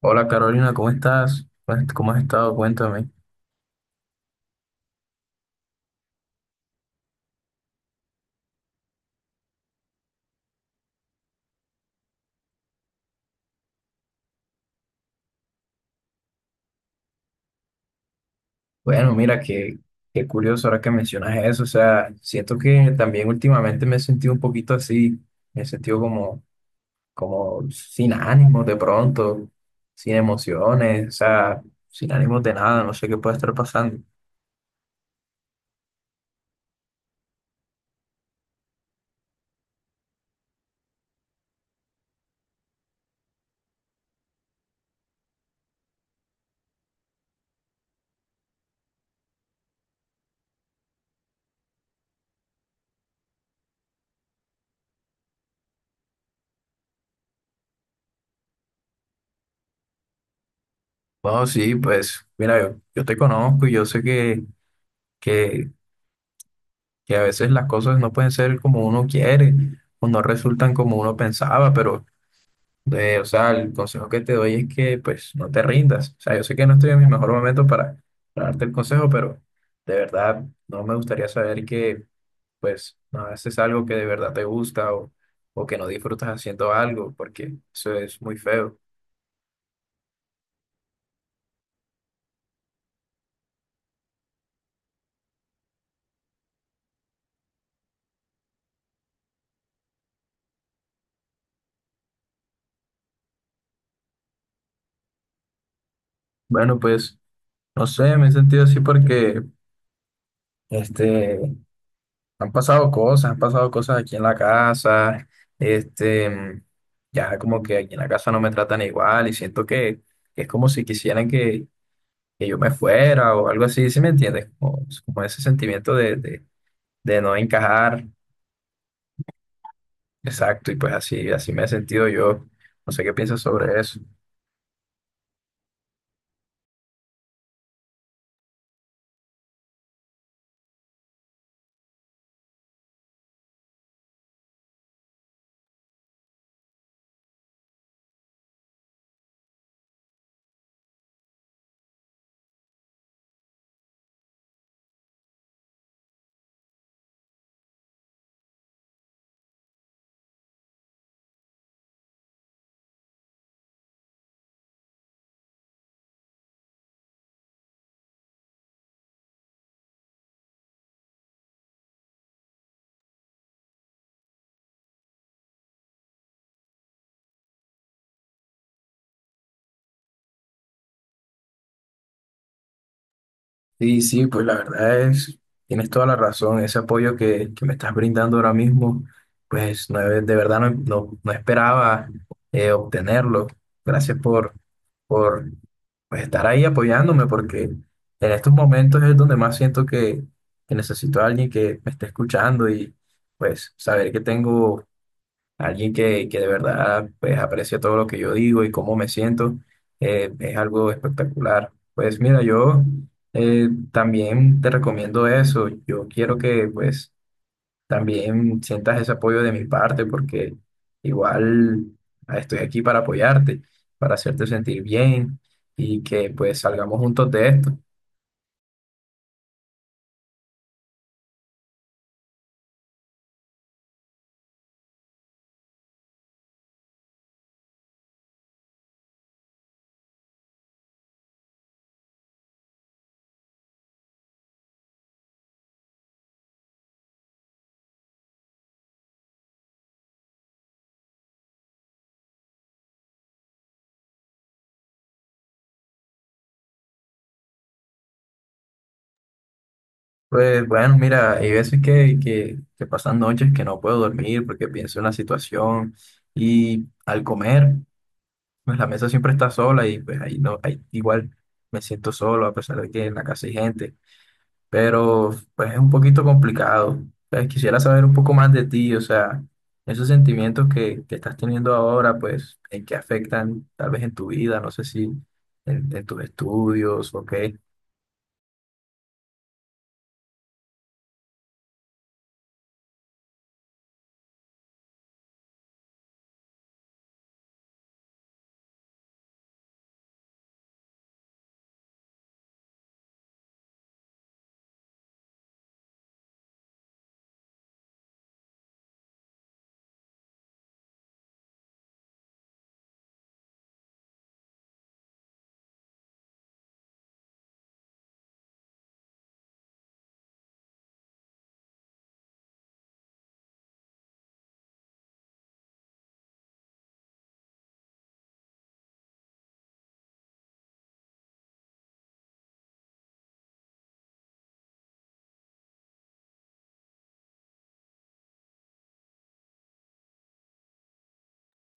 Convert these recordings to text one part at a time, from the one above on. Hola Carolina, ¿cómo estás? Pues, ¿cómo has estado? Cuéntame. Bueno, mira, qué curioso ahora que mencionas eso. O sea, siento que también últimamente me he sentido un poquito así. Me he sentido como sin ánimos de pronto, sin emociones, o sea, sin ánimos de nada. No sé qué puede estar pasando. Bueno, sí, pues mira, yo te conozco y yo sé que, que a veces las cosas no pueden ser como uno quiere o no resultan como uno pensaba, pero... De, o sea, el consejo que te doy es que pues no te rindas. O sea, yo sé que no estoy en mi mejor momento para darte el consejo, pero de verdad no me gustaría saber que pues no haces algo que de verdad te gusta o que no disfrutas haciendo algo, porque eso es muy feo. Bueno, pues no sé, me he sentido así porque este, han pasado cosas aquí en la casa, este, ya como que aquí en la casa no me tratan igual y siento que es como si quisieran que yo me fuera o algo así, ¿sí me entiendes? Como, como ese sentimiento de no encajar, exacto, y pues así me he sentido yo. No sé qué piensas sobre eso. Sí, sí, pues la verdad es, tienes toda la razón. Ese apoyo que me estás brindando ahora mismo, pues no, de verdad no esperaba obtenerlo. Gracias por pues, estar ahí apoyándome, porque en estos momentos es donde más que necesito a alguien que me esté escuchando y pues saber que tengo alguien que de verdad pues aprecia todo lo que yo digo y cómo me siento, es algo espectacular. Pues mira, yo también te recomiendo eso. Yo quiero que pues también sientas ese apoyo de mi parte porque igual estoy aquí para apoyarte, para hacerte sentir bien y que pues salgamos juntos de esto. Pues bueno, mira, hay veces que pasan noches que no puedo dormir porque pienso en la situación y al comer. Pues la mesa siempre está sola y pues ahí no, ahí igual me siento solo a pesar de que en la casa hay gente, pero pues es un poquito complicado. Pues, quisiera saber un poco más de ti, o sea, esos sentimientos que estás teniendo ahora, pues en qué afectan tal vez en tu vida, no sé si en tus estudios o qué.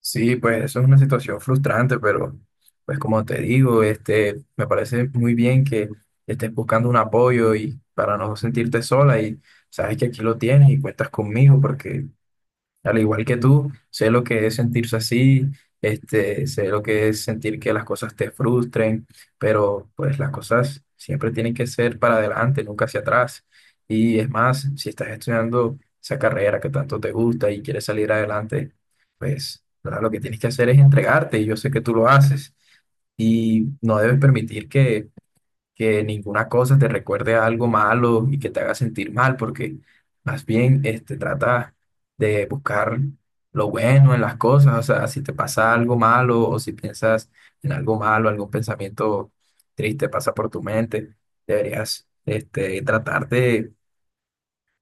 Sí, pues eso es una situación frustrante, pero pues como te digo, me parece muy bien que estés buscando un apoyo y para no sentirte sola y sabes que aquí lo tienes y cuentas conmigo porque al igual que tú, sé lo que es sentirse así, sé lo que es sentir que las cosas te frustren, pero pues las cosas siempre tienen que ser para adelante, nunca hacia atrás. Y es más, si estás estudiando esa carrera que tanto te gusta y quieres salir adelante, pues ¿verdad? Lo que tienes que hacer es entregarte y yo sé que tú lo haces y no debes permitir que ninguna cosa te recuerde a algo malo y que te haga sentir mal, porque más bien trata de buscar lo bueno en las cosas, o sea, si te pasa algo malo o si piensas en algo malo, algún pensamiento triste pasa por tu mente, deberías tratar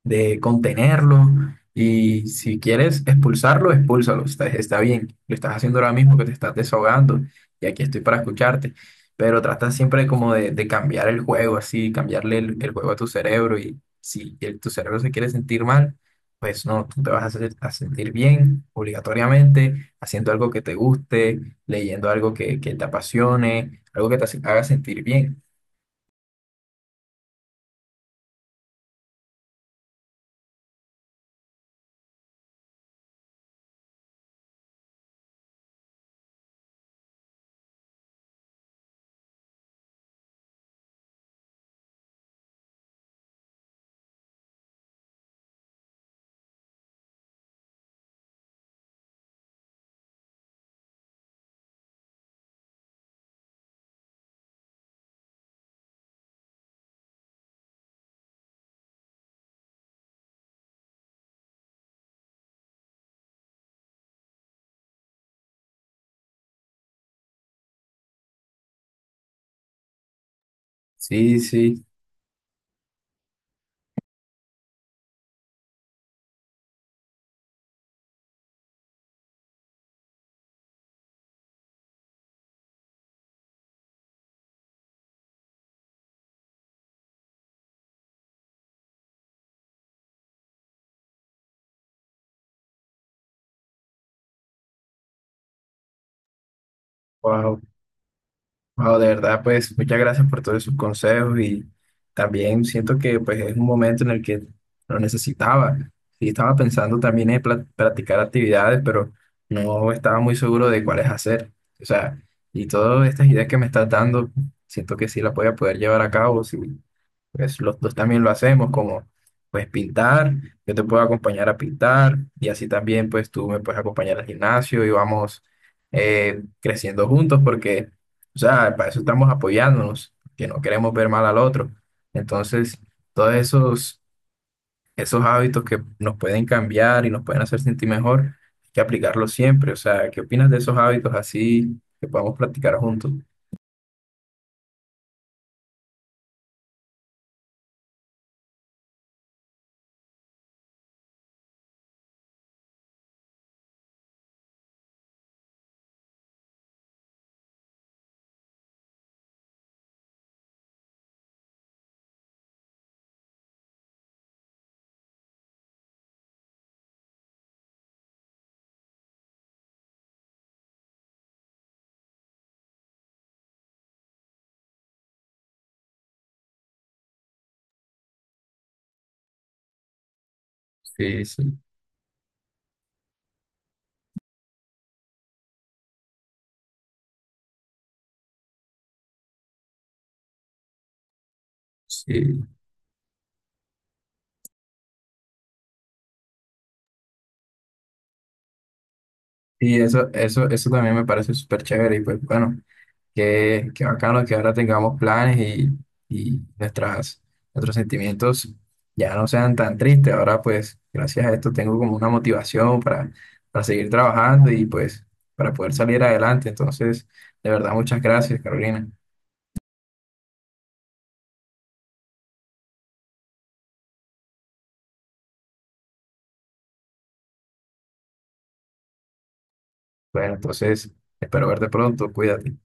de contenerlo y si quieres expulsarlo, expúlsalo, está bien, lo estás haciendo ahora mismo que te estás desahogando y aquí estoy para escucharte, pero trata siempre como de cambiar el juego, así, cambiarle el juego a tu cerebro y si el- tu cerebro se quiere sentir mal, pues no, tú te vas a, hacer- a sentir bien obligatoriamente, haciendo algo que te guste, leyendo algo que te apasione, algo que te hace- haga sentir bien. Sí, sí. Wow. Wao, de verdad, pues muchas gracias por todos sus consejos y también siento que pues es un momento en el que lo necesitaba. Y estaba pensando también en pla- practicar actividades, pero no estaba muy seguro de cuáles hacer. O sea, y todas estas ideas que me estás dando, siento que sí las voy a poder llevar a cabo. Sí, pues los dos también lo hacemos, como pues pintar, yo te puedo acompañar a pintar y así también pues tú me puedes acompañar al gimnasio y vamos creciendo juntos porque, o sea, para eso estamos apoyándonos, que no queremos ver mal al otro. Entonces, todos esos, esos hábitos que nos pueden cambiar y nos pueden hacer sentir mejor, hay que aplicarlos siempre. O sea, ¿qué opinas de esos hábitos así que podamos practicar juntos? Sí, sí, sí. Y eso también me parece súper chévere. Y pues bueno, qué bacano que ahora tengamos planes y, y nuestras, nuestros sentimientos ya no sean tan tristes. Ahora pues gracias a esto tengo como una motivación para seguir trabajando y pues para poder salir adelante. Entonces, de verdad, muchas gracias, Carolina. Bueno, entonces espero verte pronto. Cuídate.